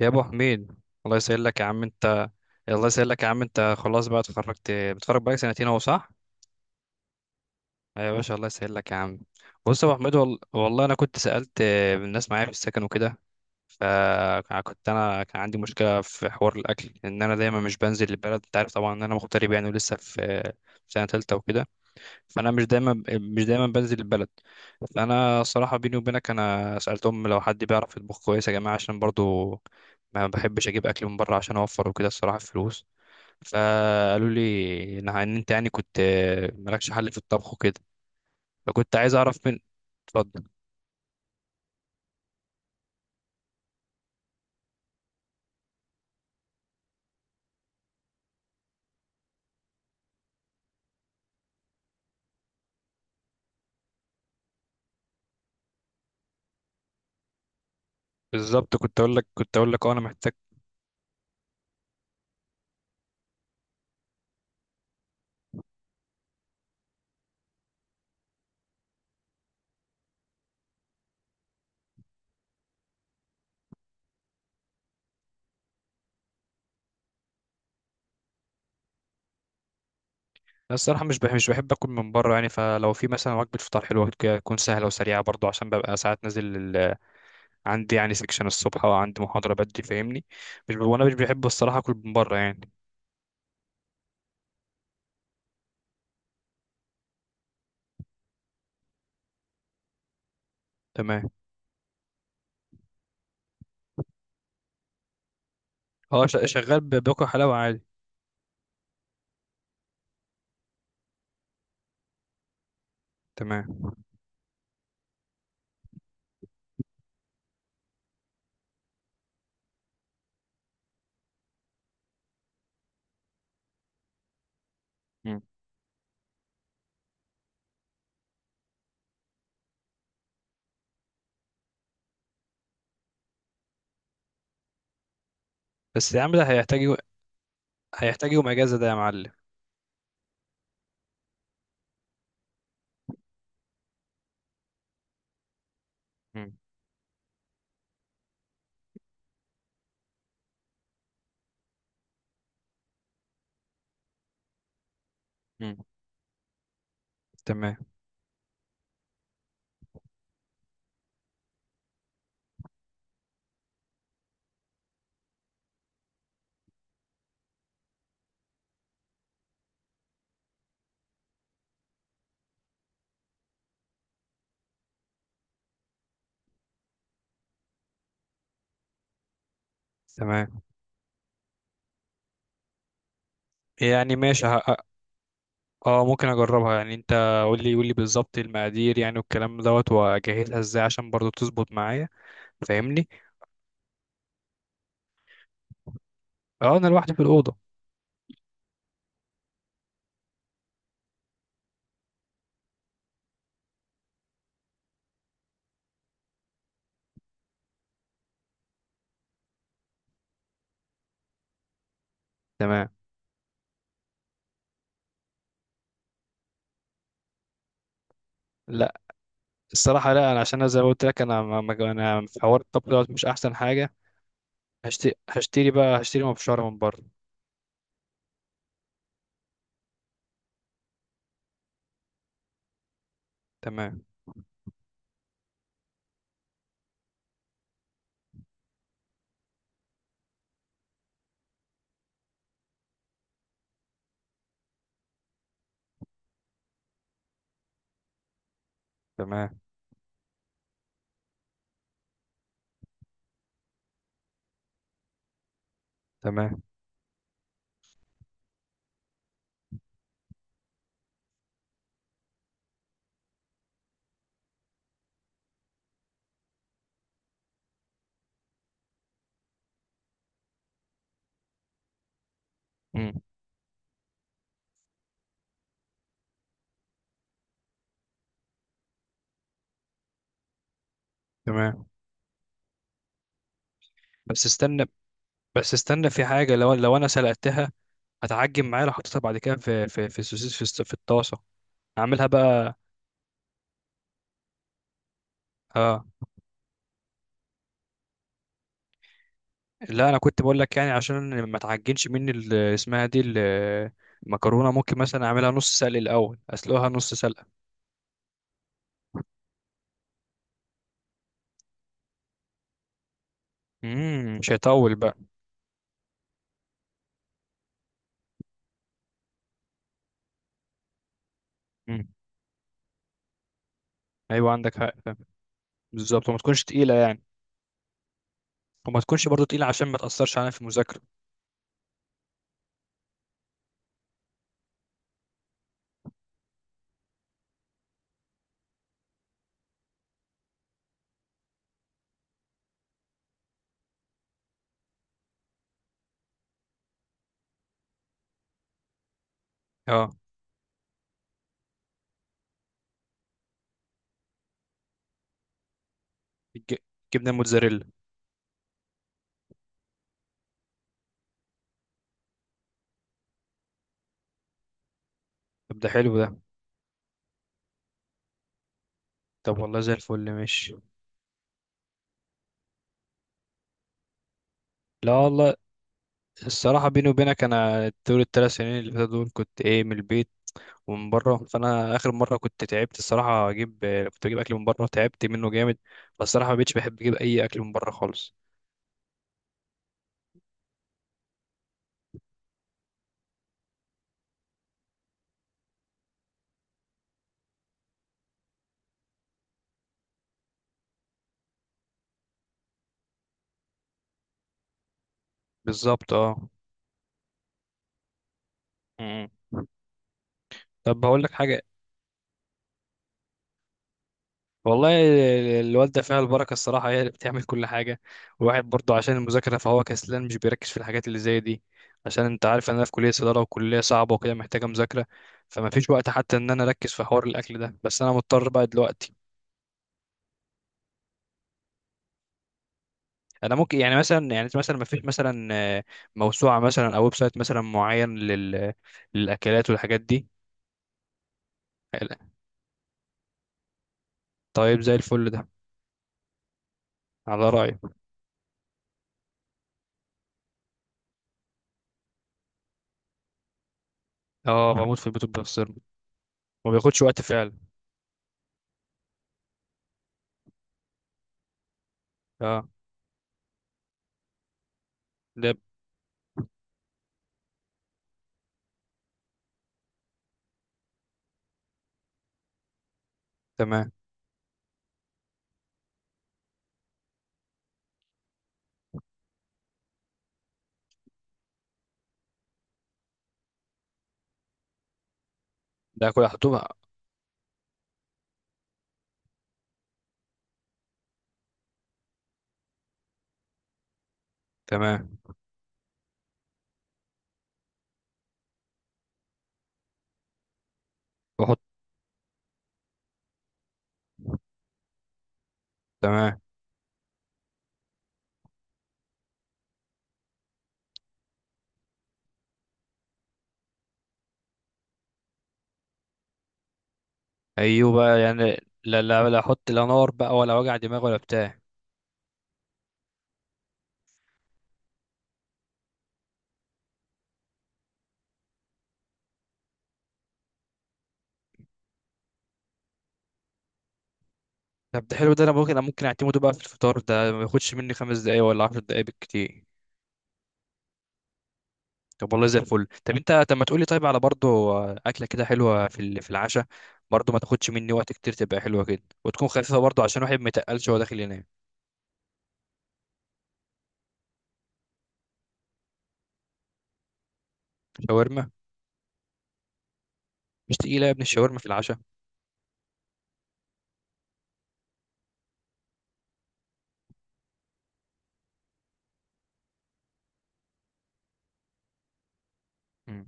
يا ابو حميد، الله يسهلك يا عم انت. الله يسهلك يا عم انت، خلاص بقى اتخرجت، بتخرج بقالك 2 سنتين اهو صح. ايوه يا باشا، الله يسهلك يا عم. بص يا ابو حميد والله انا كنت سالت الناس معايا في السكن وكده. فكنت انا كان عندي مشكله في حوار الاكل، ان انا دايما مش بنزل البلد، انت عارف طبعا ان انا مغترب يعني، ولسه في سنه ثالثه وكده. فانا مش دايما بنزل البلد. فانا صراحه بيني وبينك انا سالتهم لو حد بيعرف يطبخ كويس يا جماعه، عشان برضو ما بحبش اجيب اكل من بره عشان اوفر وكده الصراحه في فلوس. فقالوا لي ان انت يعني كنت مالكش حل في الطبخ وكده. فكنت عايز اعرف من. اتفضل. بالظبط، كنت اقول لك اه انا محتاج. أنا الصراحه مش بحب اكل من بره يعني. فلو في مثلا وجبه فطار حلوه كده، تكون سهله وسريعه برضو، عشان ببقى ساعات نازل عندي يعني سكشن الصبح، وعندي محاضرة بدري فاهمني. مش ب... وانا مش بحب الصراحة اكل من بره يعني. تمام. اه، شغال باكل حلاوة عادي. تمام. مم. بس يا عم ده هيحتاج يوم اجازة ده يا معلم. مم. مم. تمام. تمام. يعني ماشي اه ممكن اجربها يعني انت. قول لي بالظبط المقادير يعني والكلام دوت، واجهزها ازاي عشان برضو تظبط معايا. فاهمني. اه انا لوحدي في الأوضة. تمام. لا، الصراحة لا، انا عشان أنا زي ما قلت لك انا انا في حوار الطبخ دوت مش احسن حاجة. هشتري بقى مبشرة من بره. تمام. تمام. تمام. مم. تمام. بس استنى. بس استنى، في حاجة، لو انا سلقتها هتعجن معايا لو حطيتها بعد كده في في السوسيس في, في الطاسة. اعملها بقى. اه. لا، انا كنت بقول لك يعني عشان ما تعجنش مني اسمها دي المكرونة، ممكن مثلا اعملها نص سلق الاول، اسلقها نص سلقة. امم، مش هيطول بقى. امم. ايوه، عندك حق فاهم. بالظبط، وما تكونش تقيلة يعني. وما تكونش برضو تقيلة عشان ما تأثرش علينا في المذاكرة. اه. الج- جبنه الموتزاريلا. طب ده حلو ده. طب والله زي الفل، ماشي. لا والله. الصراحه بيني وبينك انا طول ال 3 سنين اللي فاتوا دول كنت ايه من البيت ومن بره، فانا اخر مره كنت تعبت الصراحه اجيب، كنت اجيب اكل من بره، تعبت منه جامد. بس الصراحه ما بقتش بحب اجيب اي اكل من بره خالص. بالظبط اه. م-. م. طب هقول لك حاجه. والله الوالدة فيها البركة الصراحة، هي اللي بتعمل كل حاجة. والواحد برضه عشان المذاكرة فهو كسلان، مش بيركز في الحاجات اللي زي دي. عشان انت عارف ان انا في كلية صيدلة، وكلية صعبة وكده محتاجة مذاكرة. فما فيش وقت حتى ان انا اركز في حوار الاكل ده، بس انا مضطر بقى دلوقتي. انا ممكن يعني مثلا، يعني مثلا، ما فيش مثلا آه، موسوعة مثلا او ويب سايت مثلا معين للاكلات والحاجات دي. طيب زي الفل ده. على رأيك. اه بموت في البيت بالبسطرمة. ما بياخدش وقت فعلا. اه. ده تمام. ده كل احطه بقى. تمام. واحط. تمام. ايوه بقى يعني، لا لا لا، احط لا نار بقى ولا وجع دماغ ولا بتاع. طب ده حلو ده، انا ممكن، أنا ممكن اعتمده بقى في الفطار ده، ما ياخدش مني 5 دقايق ولا 10 دقايق بالكتير. طب والله زي الفل. طب انت طب ما تقولي طيب على برضه اكله كده حلوه في العشاء، برضه ما تاخدش مني وقت كتير، تبقى حلوه كده وتكون خفيفه برضه عشان واحد ما يتقلش وهو داخل ينام. شاورما. مش تقيله يا ابني الشاورما في العشاء؟ مم.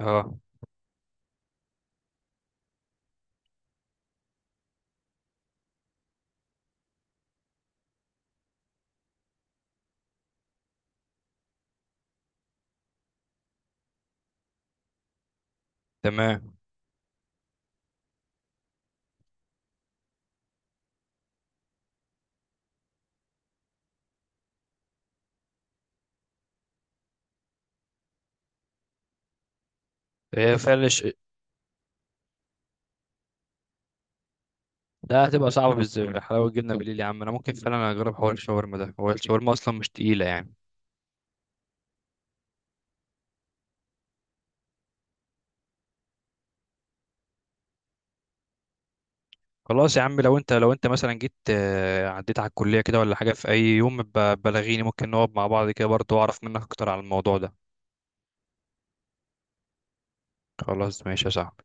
اه. تمام. هي فعلا ده هتبقى صعبة بالذات حلاوة الجبنة بالليل يا عم، انا ممكن فعلا اجرب حوار الشاورما ده، هو الشاورما اصلا مش تقيلة يعني. خلاص يا عم، لو انت، لو انت مثلا جيت عديت على الكلية كده ولا حاجة في اي يوم، بلغيني، ممكن نقعد مع بعض كده برضه واعرف منك اكتر على الموضوع ده. خلاص ماشي يا صاحبي.